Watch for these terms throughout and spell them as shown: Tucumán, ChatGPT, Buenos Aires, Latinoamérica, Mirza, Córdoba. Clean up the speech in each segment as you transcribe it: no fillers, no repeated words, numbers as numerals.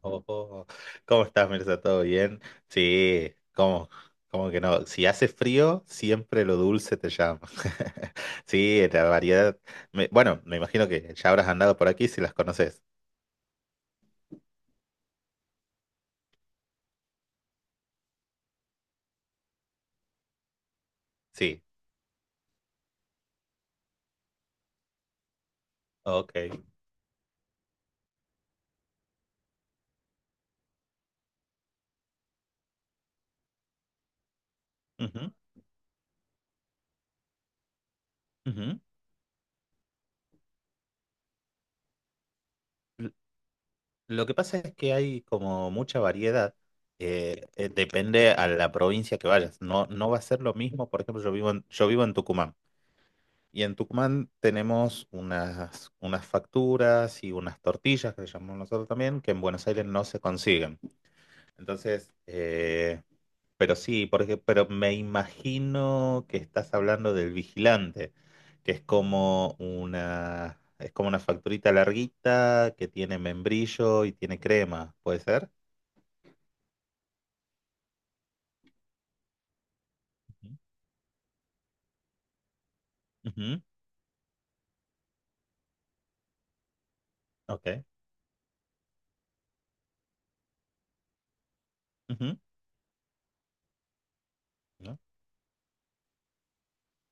Oh, oh, ¿cómo estás, Mirza? ¿Todo bien? Sí, ¿cómo, cómo que no? Si hace frío, siempre lo dulce te llama. Sí, la variedad. Me imagino que ya habrás andado por aquí si las conoces. Sí, ok. Ujú, ujú. L- Lo que pasa es que hay como mucha variedad. Depende a la provincia que vayas. No, no va a ser lo mismo. Por ejemplo, yo vivo en Tucumán. Y en Tucumán tenemos unas facturas y unas tortillas que le llamamos nosotros también, que en Buenos Aires no se consiguen. Entonces, pero sí, porque, pero me imagino que estás hablando del vigilante, que es como una facturita larguita que tiene membrillo y tiene crema, ¿puede ser? Ujú. Ujú, ok. Ujú, ¿no?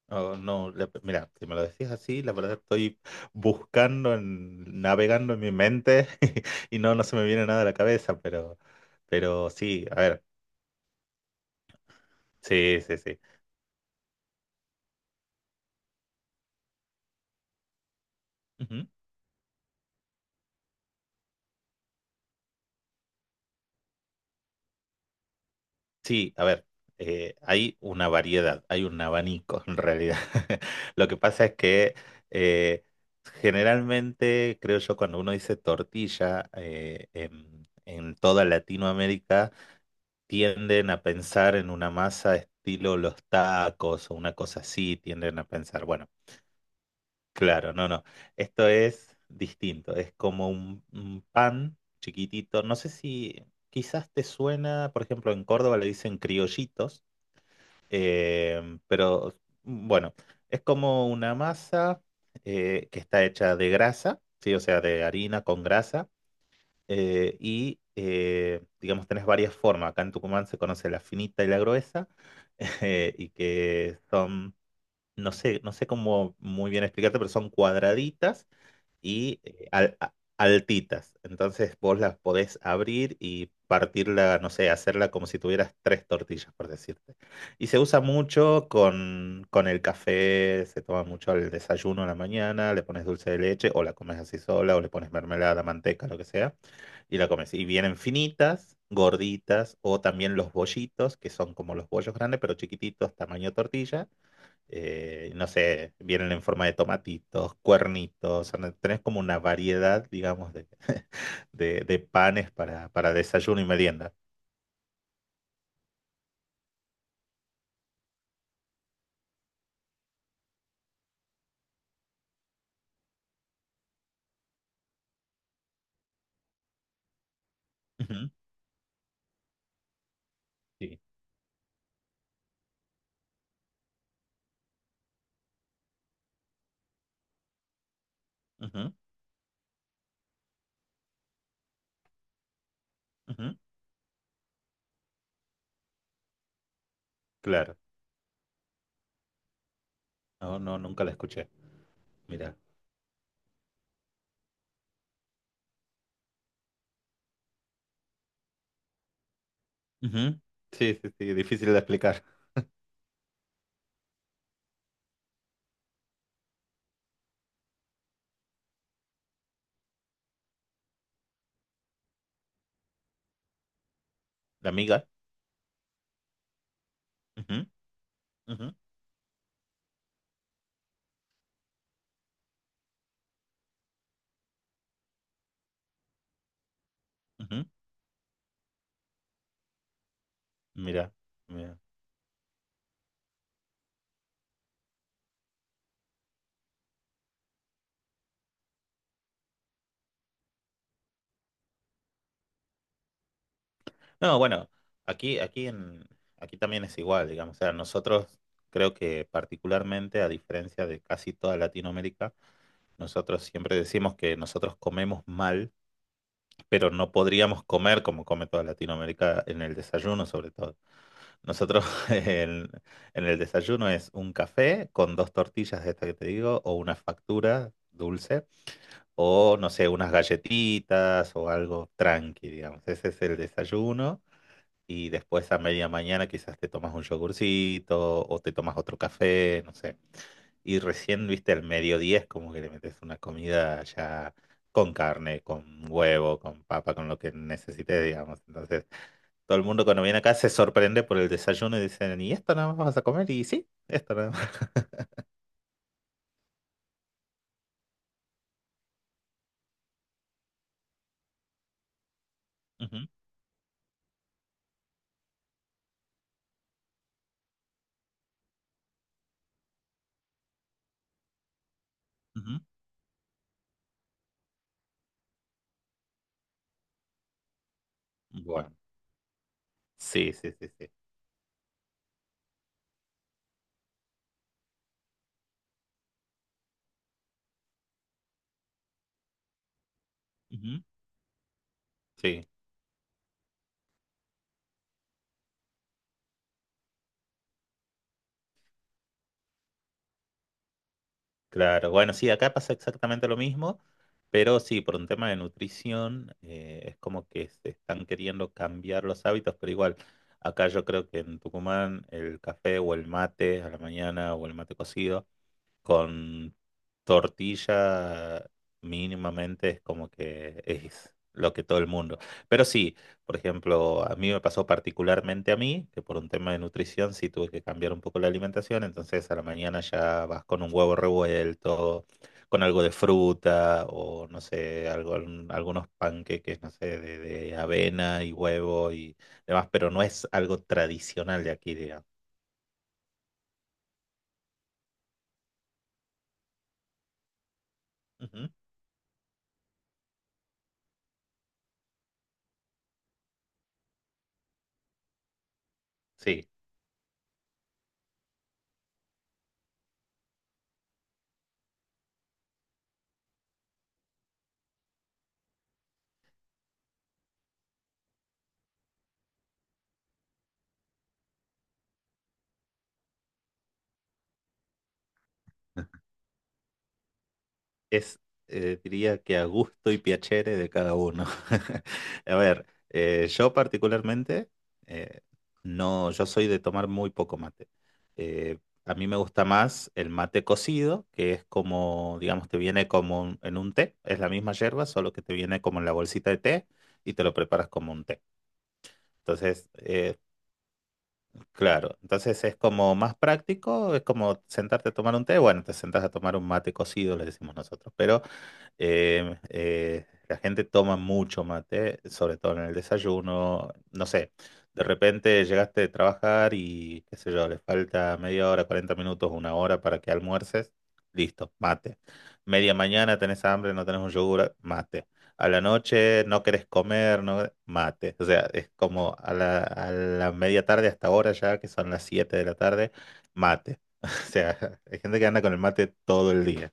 Oh, no, mira, si me lo decís así, la verdad estoy buscando, navegando en mi mente y no, no se me viene nada a la cabeza, pero sí, a ver, sí, sí, sí. Ujú. Sí, a ver, hay una variedad, hay un abanico en realidad. Lo que pasa es que eh, generalmente, creo yo, cuando uno dice tortilla en toda Latinoamérica, tienden a pensar en una masa estilo los tacos o una cosa así, tienden a pensar, bueno, claro, no, no, esto es distinto, es como un pan chiquitito, no sé si quizás te suena, por ejemplo, en Córdoba le dicen criollitos, eh, pero bueno, es como una masa que está hecha de grasa, sí, o sea, de harina con grasa, digamos, tenés varias formas. Acá en Tucumán se conoce la finita y la gruesa, eh, y que son, no sé, no sé cómo muy bien explicarte, pero son cuadraditas y altitas. Entonces vos las podés abrir y partirla, no sé, hacerla como si tuvieras tres tortillas, por decirte. Y se usa mucho con el café, se toma mucho al desayuno a la mañana, le pones dulce de leche o la comes así sola o le pones mermelada, manteca, lo que sea, y la comes. Y vienen finitas, gorditas o también los bollitos, que son como los bollos grandes, pero chiquititos, tamaño tortilla, no sé, vienen en forma de tomatitos, cuernitos, o sea, tenés como una variedad, digamos, de panes para desayuno y merienda. Ujú. Sí, ujú, ujú, claro. No, no, nunca la escuché. Mira. Ujú, sí, sí, sí, difícil de explicar. La miga. Ujú, ujú, ujú, mira, mira. No, bueno, aquí, aquí en, aquí también es igual, digamos. O sea, nosotros creo que particularmente, a diferencia de casi toda Latinoamérica, nosotros siempre decimos que nosotros comemos mal, pero no podríamos comer como come toda Latinoamérica en el desayuno, sobre todo. Nosotros en, en el desayuno es un café con dos tortillas de esta que te digo, o una factura dulce, o no sé, unas galletitas o algo tranqui, digamos. Ese es el desayuno y después a media mañana quizás te tomas un yogurcito o te tomas otro café, no sé. Y recién, viste, al mediodía es como que le metes una comida ya con carne, con huevo, con papa, con lo que necesites, digamos. Entonces, todo el mundo cuando viene acá se sorprende por el desayuno y dicen, ¿y esto nada más vas a comer? Y sí, esto nada más. Ujú, ujú. Bueno, sí, sí, sí, sí. Ujú. Sí. Claro, bueno, sí, acá pasa exactamente lo mismo, pero sí, por un tema de nutrición, es como que se están queriendo cambiar los hábitos, pero igual, acá yo creo que en Tucumán el café o el mate a la mañana o el mate cocido con tortilla mínimamente es como que es lo que todo el mundo. Pero sí, por ejemplo, a mí me pasó particularmente a mí, que por un tema de nutrición sí tuve que cambiar un poco la alimentación, entonces a la mañana ya vas con un huevo revuelto, con algo de fruta o no sé, algo, algunos panqueques, no sé, de avena y huevo y demás, pero no es algo tradicional de aquí, digamos. Ujú. Sí. Es, diría que a gusto y piacere de cada uno. A ver, yo particularmente, eh, no, yo soy de tomar muy poco mate. Eh, a mí me gusta más el mate cocido, que es como, digamos, te viene como en un té, es la misma yerba, solo que te viene como en la bolsita de té y te lo preparas como un té. Entonces, claro, entonces es como más práctico, es como sentarte a tomar un té, bueno, te sentás a tomar un mate cocido, le decimos nosotros, pero... la gente toma mucho mate, sobre todo en el desayuno. No sé, de repente llegaste de trabajar y, qué sé yo, le falta media hora, 40 minutos, 1 hora para que almuerces. Listo, mate. Media mañana tenés hambre, no tenés un yogur, mate. A la noche no querés comer, no, mate. O sea, es como a a la media tarde hasta ahora ya, que son las 7 de la tarde, mate. O sea, hay gente que anda con el mate todo el día.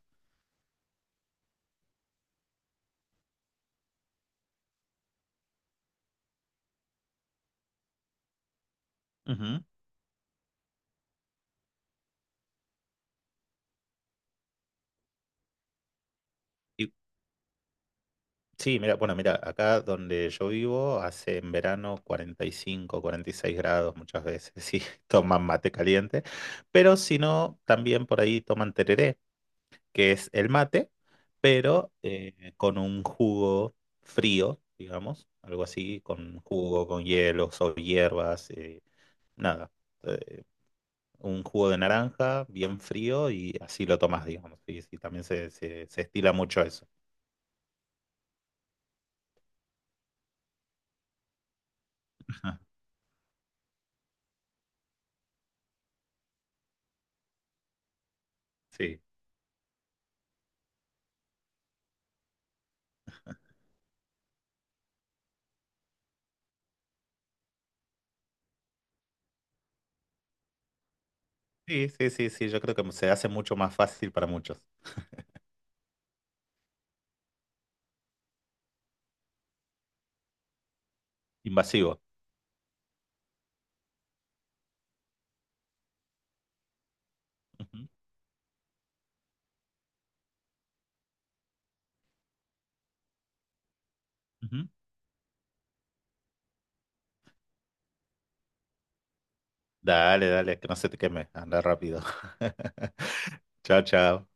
Ujú. ¿Y sí, mira, bueno, mira, acá donde yo vivo hace en verano 40, 45, 46 grados muchas veces, sí, toman mate caliente, pero si no, también por ahí toman tereré, que es el mate, pero con un jugo frío, digamos, algo así, con jugo, con hielos o hierbas, nada, eh, un jugo de naranja bien frío y así lo tomas, digamos, y, sí, también se estila mucho eso, sí. Sí, sí, sí, sí, yo creo que se hace mucho más fácil para muchos. Invasivo. Ujú, ujú. Dale, dale, que no se te queme. Anda rápido. Chao, chao.